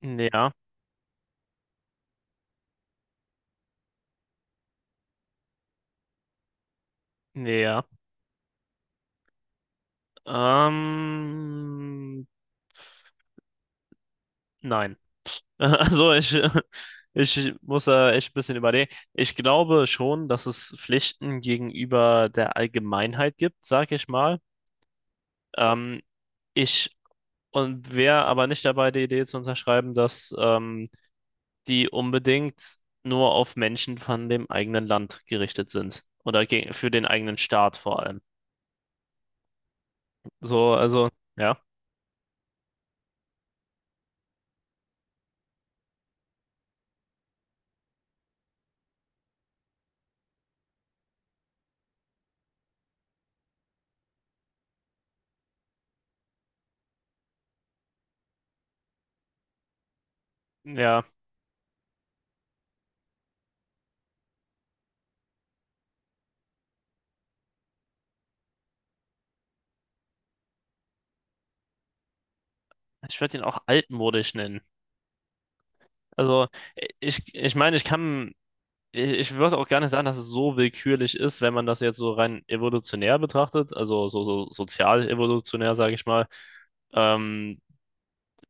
Ja, ja. Ähm, nein. Also ich, ich muss da echt ein bisschen überlegen. Ich glaube schon, dass es Pflichten gegenüber der Allgemeinheit gibt, sag ich mal. Ähm, ich und wäre aber nicht dabei, die Idee zu unterschreiben, dass die unbedingt nur auf Menschen von dem eigenen Land gerichtet sind. Oder gegen, für den eigenen Staat vor allem. So, also, ja. Ja. Ich würde ihn auch altmodisch nennen. Also, ich meine, ich kann, ich würde auch gar nicht sagen, dass es so willkürlich ist, wenn man das jetzt so rein evolutionär betrachtet, also so, so sozial evolutionär, sage ich mal. Ähm,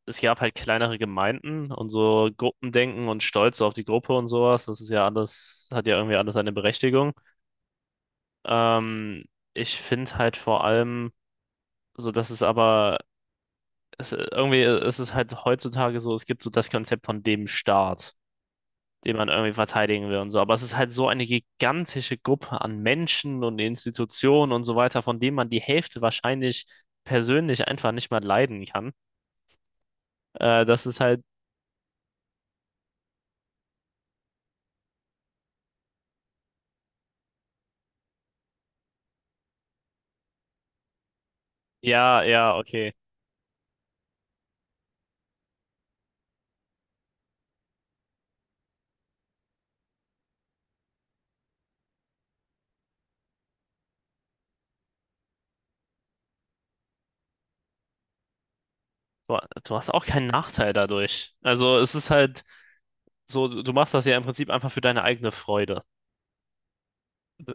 Es gab halt kleinere Gemeinden und so Gruppendenken und Stolz auf die Gruppe und sowas. Das ist ja alles, hat ja irgendwie alles eine Berechtigung. Ähm, ich finde halt vor allem, so dass es aber, es, irgendwie ist es halt heutzutage so, es gibt so das Konzept von dem Staat, den man irgendwie verteidigen will und so. Aber es ist halt so eine gigantische Gruppe an Menschen und Institutionen und so weiter, von denen man die Hälfte wahrscheinlich persönlich einfach nicht mal leiden kann. Das ist halt, ja, ja, okay. Du, du hast auch keinen Nachteil dadurch. Also es ist halt so, du machst das ja im Prinzip einfach für deine eigene Freude. D-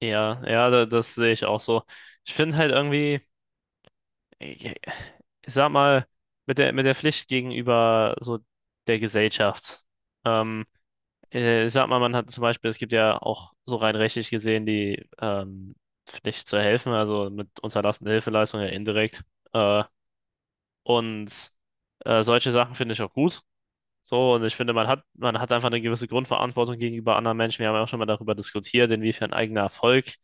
Ja, ja, das sehe ich auch so. Ich finde halt irgendwie, ich ich sag mal, mit mit der Pflicht gegenüber so der Gesellschaft. Ähm, Ich sag mal, man hat zum Beispiel, es gibt ja auch so rein rechtlich gesehen die Pflicht zu helfen, also mit unterlassener Hilfeleistung ja indirekt. Äh, und solche Sachen finde ich auch gut. So, und ich finde, man hat einfach eine gewisse Grundverantwortung gegenüber anderen Menschen. Wir haben ja auch schon mal darüber diskutiert, inwiefern eigener Erfolg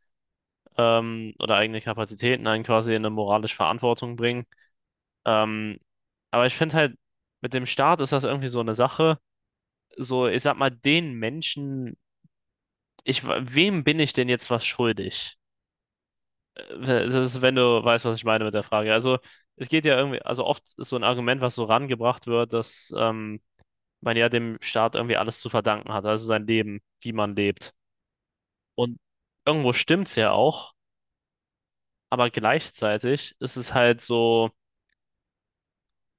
oder eigene Kapazitäten einen quasi in eine moralische Verantwortung bringen. Ähm, aber ich finde halt, mit dem Staat ist das irgendwie so eine Sache. So, ich sag mal, den Menschen ich, wem bin ich denn jetzt was schuldig? Das ist, wenn du weißt, was ich meine mit der Frage. Also, es geht ja irgendwie, also oft ist so ein Argument, was so rangebracht wird, dass man ja dem Staat irgendwie alles zu verdanken hat, also sein Leben, wie man lebt. Und irgendwo stimmt's ja auch, aber gleichzeitig ist es halt so,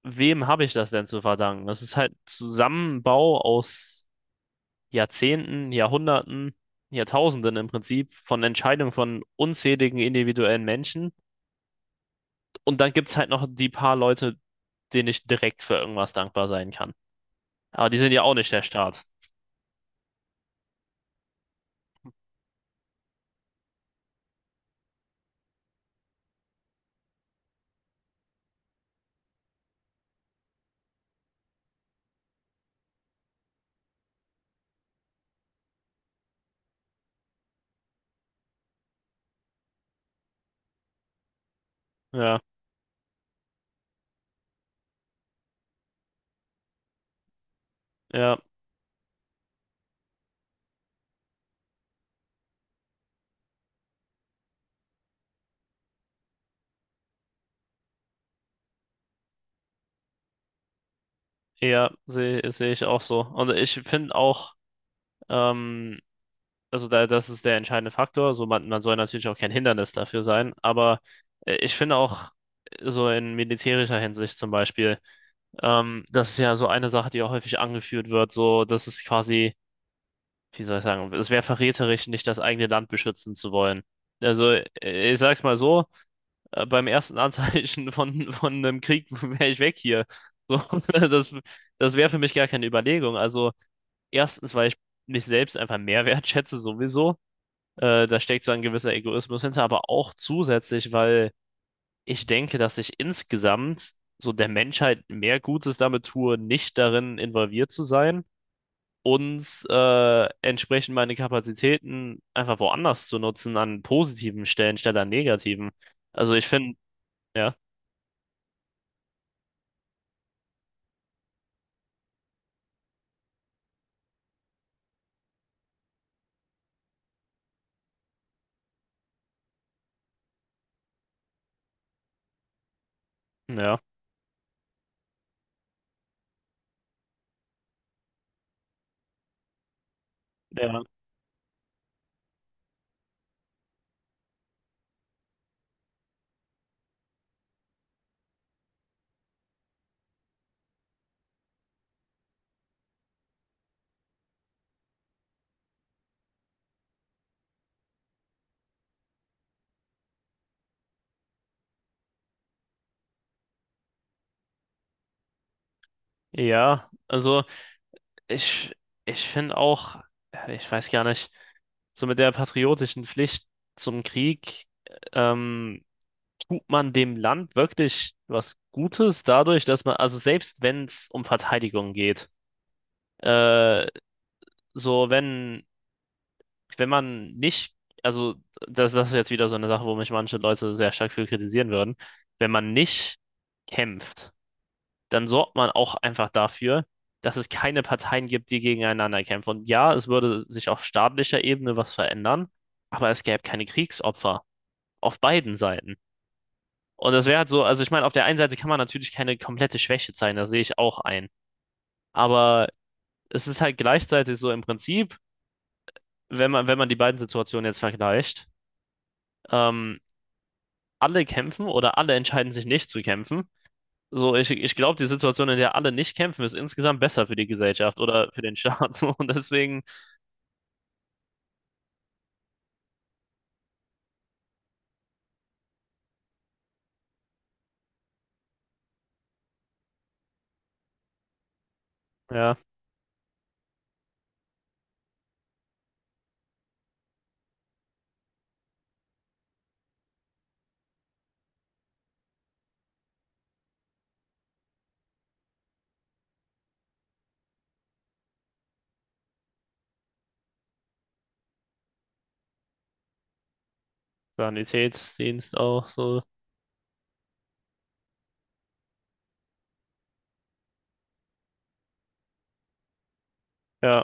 wem habe ich das denn zu verdanken? Das ist halt Zusammenbau aus Jahrzehnten, Jahrhunderten, Jahrtausenden im Prinzip von Entscheidungen von unzähligen individuellen Menschen. Und dann gibt es halt noch die paar Leute, denen ich direkt für irgendwas dankbar sein kann. Aber die sind ja auch nicht der Staat. Ja, ja, ja, sehe ich auch so. Und ich finde auch, ähm, also da, das ist der entscheidende Faktor. So, man soll natürlich auch kein Hindernis dafür sein, aber ich finde auch so in militärischer Hinsicht zum Beispiel, das ist ja so eine Sache, die auch häufig angeführt wird, so, das ist quasi, wie soll ich sagen, es wäre verräterisch, nicht das eigene Land beschützen zu wollen. Also, ich sag's mal so, beim ersten Anzeichen von einem Krieg wäre ich weg hier. So, das, das wäre für mich gar keine Überlegung. Also, erstens, weil ich mich selbst einfach mehr wertschätze, sowieso. Da steckt so ein gewisser Egoismus hinter, aber auch zusätzlich, weil ich denke, dass ich insgesamt so der Menschheit mehr Gutes damit tue, nicht darin involviert zu sein und entsprechend meine Kapazitäten einfach woanders zu nutzen, an positiven Stellen statt an negativen. Also ich finde, ja, ja. Ja, ja, ich, ich finde auch, ja, ich weiß gar nicht, so mit der patriotischen Pflicht zum Krieg, ähm, tut man dem Land wirklich was Gutes dadurch, dass man, also selbst wenn es um Verteidigung geht, äh, so wenn, wenn man nicht, also das, das ist jetzt wieder so eine Sache, wo mich manche Leute sehr stark für kritisieren würden, wenn man nicht kämpft. Dann sorgt man auch einfach dafür, dass es keine Parteien gibt, die gegeneinander kämpfen. Und ja, es würde sich auf staatlicher Ebene was verändern, aber es gäbe keine Kriegsopfer auf beiden Seiten. Und das wäre halt so, also ich meine, auf der einen Seite kann man natürlich keine komplette Schwäche zeigen, da sehe ich auch ein. Aber es ist halt gleichzeitig so im Prinzip, wenn wenn man die beiden Situationen jetzt vergleicht, ähm, alle kämpfen oder alle entscheiden sich nicht zu kämpfen. So, ich glaube, die Situation, in der alle nicht kämpfen, ist insgesamt besser für die Gesellschaft oder für den Staat. So, und deswegen ja, Sanitätsdienst auch so. Ja,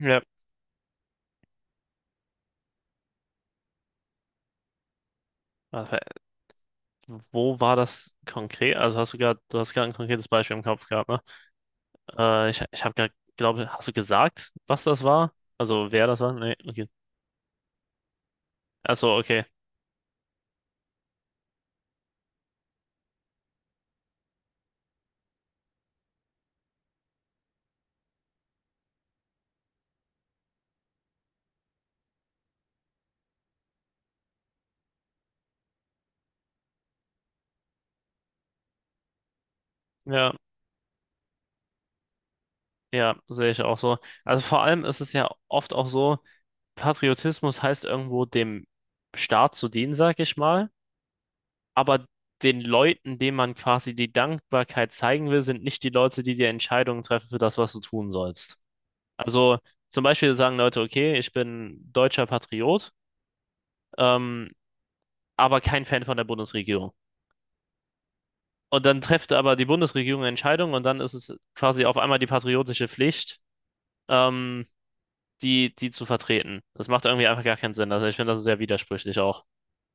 ja. Aber wo war das konkret? Also hast du gerade, du hast gerade ein konkretes Beispiel im Kopf gehabt, ne? Ich habe gerade, glaube, hast du gesagt, was das war? Also wer das war? Nee, okay. Achso, okay. Ja, ja, sehe ich auch so. Also vor allem ist es ja oft auch so, Patriotismus heißt irgendwo dem Staat zu dienen, sag ich mal, aber den Leuten, denen man quasi die Dankbarkeit zeigen will, sind nicht die Leute, die die Entscheidungen treffen für das, was du tun sollst. Also zum Beispiel sagen Leute, okay, ich bin deutscher Patriot, ähm, aber kein Fan von der Bundesregierung. Und dann trifft aber die Bundesregierung eine Entscheidung und dann ist es quasi auf einmal die patriotische Pflicht, ähm, die zu vertreten. Das macht irgendwie einfach gar keinen Sinn. Also ich finde das ist sehr widersprüchlich auch.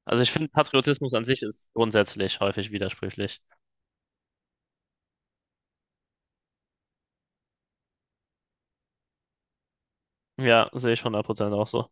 Also ich finde, Patriotismus an sich ist grundsätzlich häufig widersprüchlich. Ja, sehe ich 100% auch so.